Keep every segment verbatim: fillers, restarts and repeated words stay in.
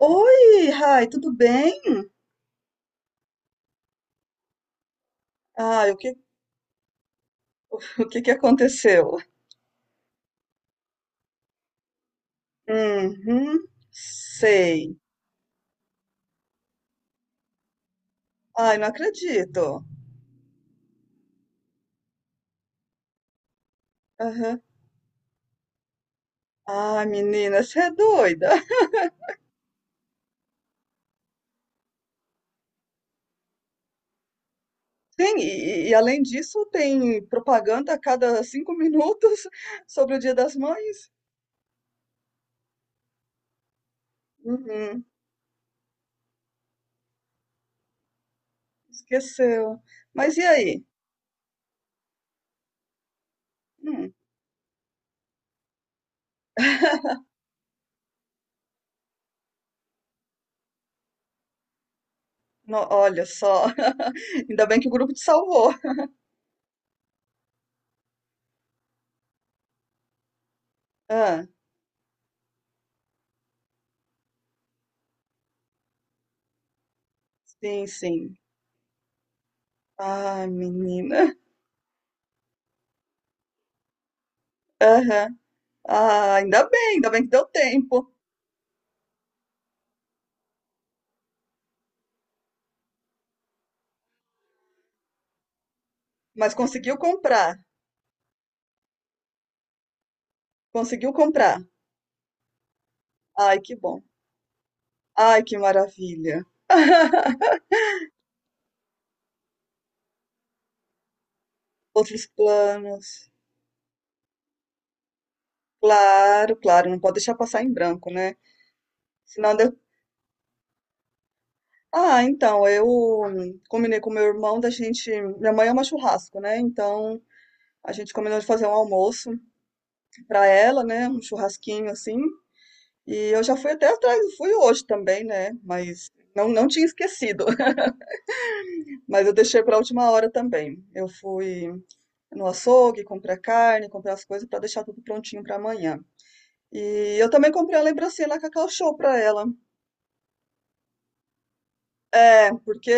Oi, Rai, tudo bem? Ah, o que, o que que aconteceu? Uhum, sei. Ai, não acredito. Aham. Ai, menina, você é doida. Sim, e, e além disso, tem propaganda a cada cinco minutos sobre o Dia das Mães? Uhum, esqueceu. Mas e aí? Hum, no- olha só. Ainda bem que o grupo te salvou. Ah, sim, sim. Ai, menina. Aham. Ah, ainda bem, ainda bem que deu tempo. Mas conseguiu comprar, conseguiu comprar. Ai, que bom. Ai, que maravilha. Outros planos. Claro, claro, não pode deixar passar em branco, né? Senão deu... Ah, então, eu combinei com meu irmão da gente. Minha mãe ama churrasco, né? Então, a gente combinou de fazer um almoço pra ela, né? Um churrasquinho assim. E eu já fui até atrás, fui hoje também, né? Mas não, não tinha esquecido. Mas eu deixei pra última hora também. Eu fui no açougue, comprar carne, comprar as coisas para deixar tudo prontinho para amanhã. E eu também comprei uma lembrancinha lá Cacau Show para ela. É, porque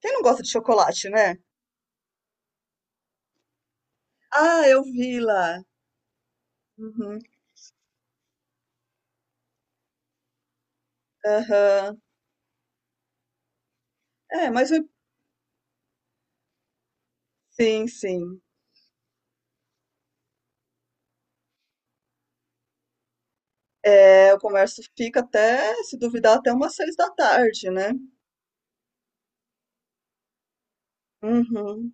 quem não gosta de chocolate, né? Ah, eu vi lá. Uhum, aham. É, mas eu- sim, sim. É, o comércio fica até, se duvidar, até umas seis da tarde, né? Uhum.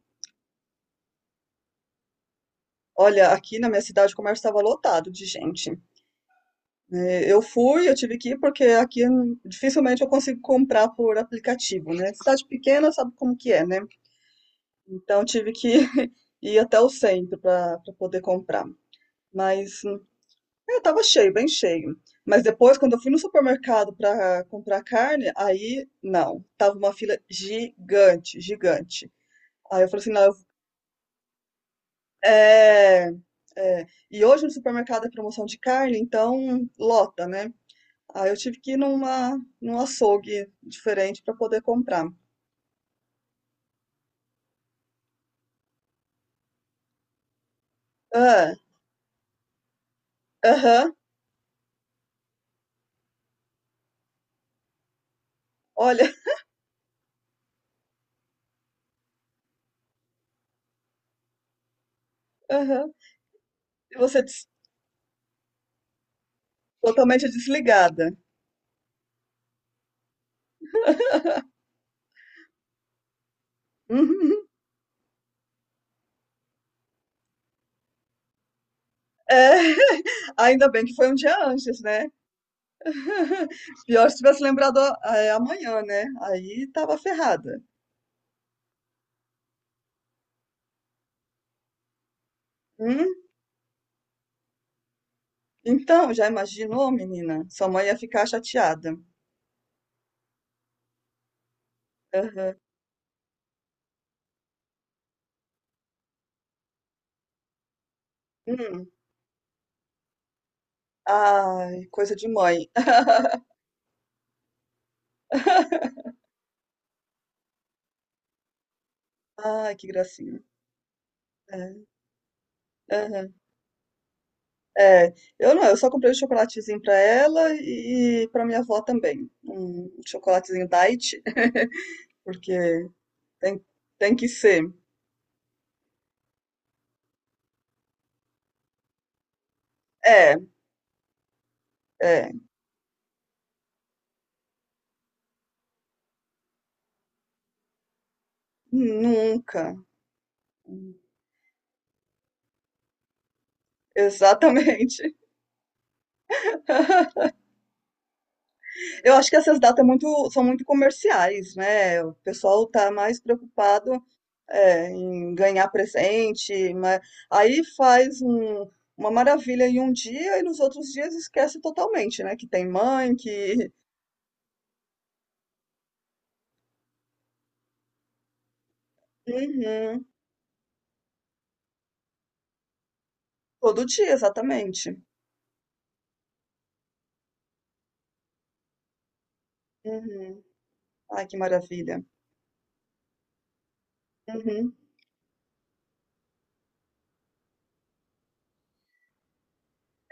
Olha, aqui na minha cidade o comércio estava lotado de gente. É, Eu fui, eu tive que ir, porque aqui hum, dificilmente eu consigo comprar por aplicativo, né? Cidade pequena sabe como que é, né? Então tive que ir até o centro para poder comprar. Mas hum, é, tava cheio, bem cheio. Mas depois, quando eu fui no supermercado para comprar carne, aí não, tava uma fila gigante, gigante. Aí eu falei assim, não, eu- é, é. E hoje no supermercado é promoção de carne, então lota, né? Aí eu tive que ir numa, num açougue diferente para poder comprar. Ah, aham, olha, aham. E você des- totalmente desligada. Uhum. É, ainda bem que foi um dia antes, né? Pior se tivesse lembrado é, amanhã, né? Aí tava ferrada. Hum? Então, já imaginou, menina? Sua mãe ia ficar chateada. Aham. Hum. Ai, coisa de mãe. Ai, que gracinha. É, aham. É, eu não, eu só comprei um chocolatezinho pra ela e pra minha avó também. Um chocolatezinho diet, porque tem, tem que ser. É, é, nunca. Exatamente. Eu acho que essas datas é muito, são muito comerciais, né? O pessoal tá mais preocupado, é, em ganhar presente, mas aí faz um- uma maravilha em um dia e nos outros dias esquece totalmente, né? Que tem mãe, que. Uhum. Todo dia, exatamente. Uhum. Ai, que maravilha. Uhum.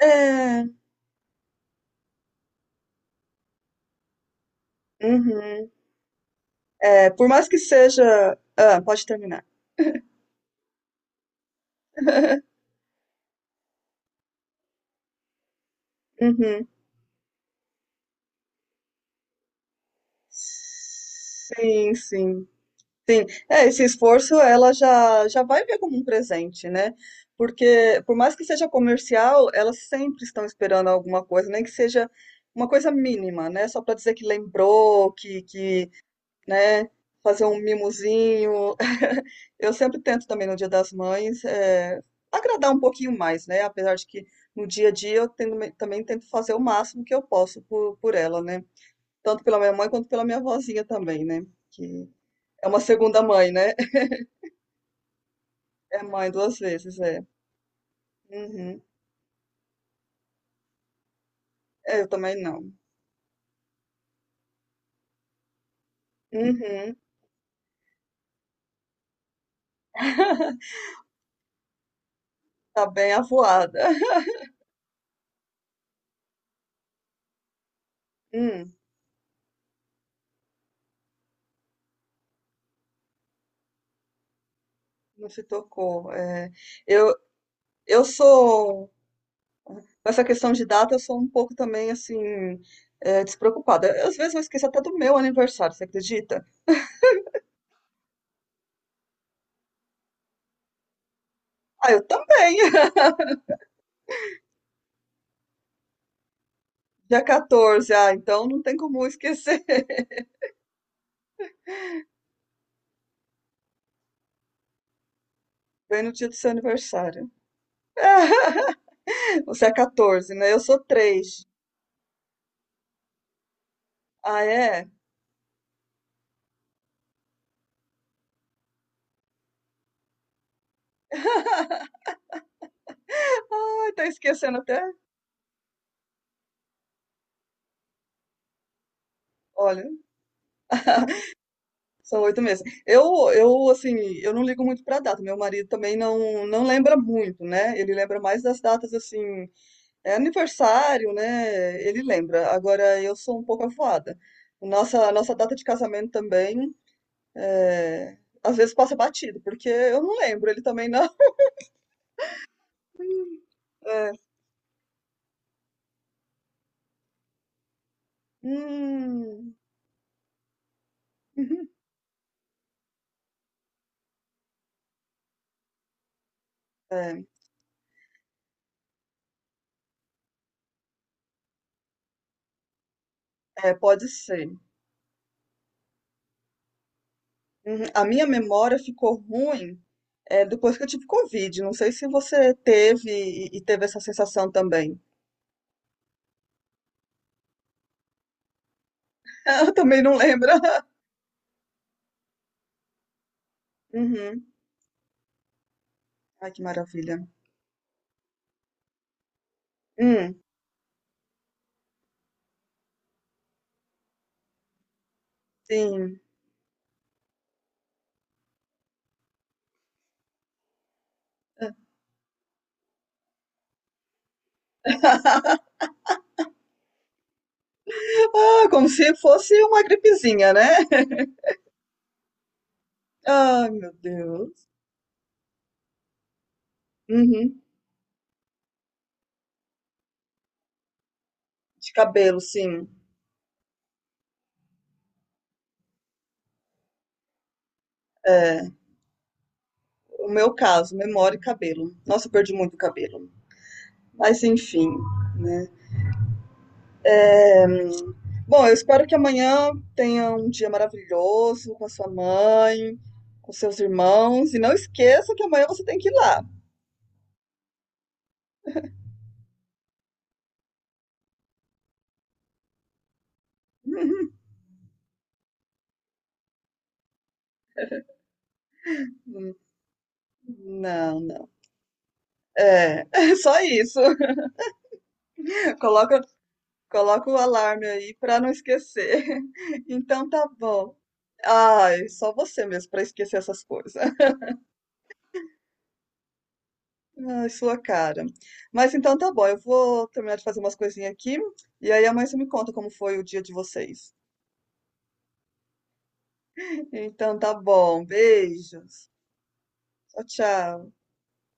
É. Uhum. É, por mais que seja ah, pode terminar. Uhum. Sim, sim. Sim. É, esse esforço ela já já vai ver como um presente, né? Porque por mais que seja comercial, elas sempre estão esperando alguma coisa, nem que seja uma coisa mínima, né? Só para dizer que lembrou, que que né? Fazer um mimozinho. Eu sempre tento também no Dia das Mães eh, agradar um pouquinho mais, né? Apesar de que no dia a dia eu tendo- também tento fazer o máximo que eu posso por, por ela, né? Tanto pela minha mãe quanto pela minha vozinha também, né? Que é uma segunda mãe, né? É mãe duas vezes, é. Uhum. É, eu também não. Uhum. Tá bem avoada. Hum, não se tocou. É. Eu, eu sou. Com essa questão de data, eu sou um pouco também assim, eh, despreocupada. Eu, às vezes eu esqueço até do meu aniversário, você acredita? Ah, eu também! Dia catorze, ah, então não tem como eu esquecer. Bem no dia do seu aniversário. Você é quatorze, né? Eu sou três. Ah, é? Ai, tá esquecendo até. Olha, são oito meses. Eu, eu, assim, eu não ligo muito pra data. Meu marido também não, não lembra muito, né? Ele lembra mais das datas, assim. É aniversário, né? Ele lembra. Agora eu sou um pouco avoada. Nossa, nossa data de casamento também, é, às vezes passa batido, porque eu não lembro, ele também não. É, hum, uhum, é, é, pode ser. Uhum. A minha memória ficou ruim, é, depois que eu tive Covid. Não sei se você teve e, e teve essa sensação também. Eu também não lembro. Uhum. Ai, que maravilha. Hum, sim. Ah, como se fosse uma gripezinha, né? Ai, meu Deus. Uhum. De cabelo, sim. É, o meu caso, memória e cabelo. Nossa, eu perdi muito cabelo. Mas enfim, né? Bom, eu espero que amanhã tenha um dia maravilhoso com a sua mãe, com seus irmãos. E não esqueça que amanhã você tem que ir lá. Hum, Não, não. É, é só isso. Coloca, coloca o alarme aí pra não esquecer. Então tá bom. Ai, só você mesmo para esquecer essas coisas. Ai, sua cara. Mas então tá bom, eu vou terminar de fazer umas coisinhas aqui e aí amanhã você me conta como foi o dia de vocês. Então tá bom, beijos. Tchau, tchau.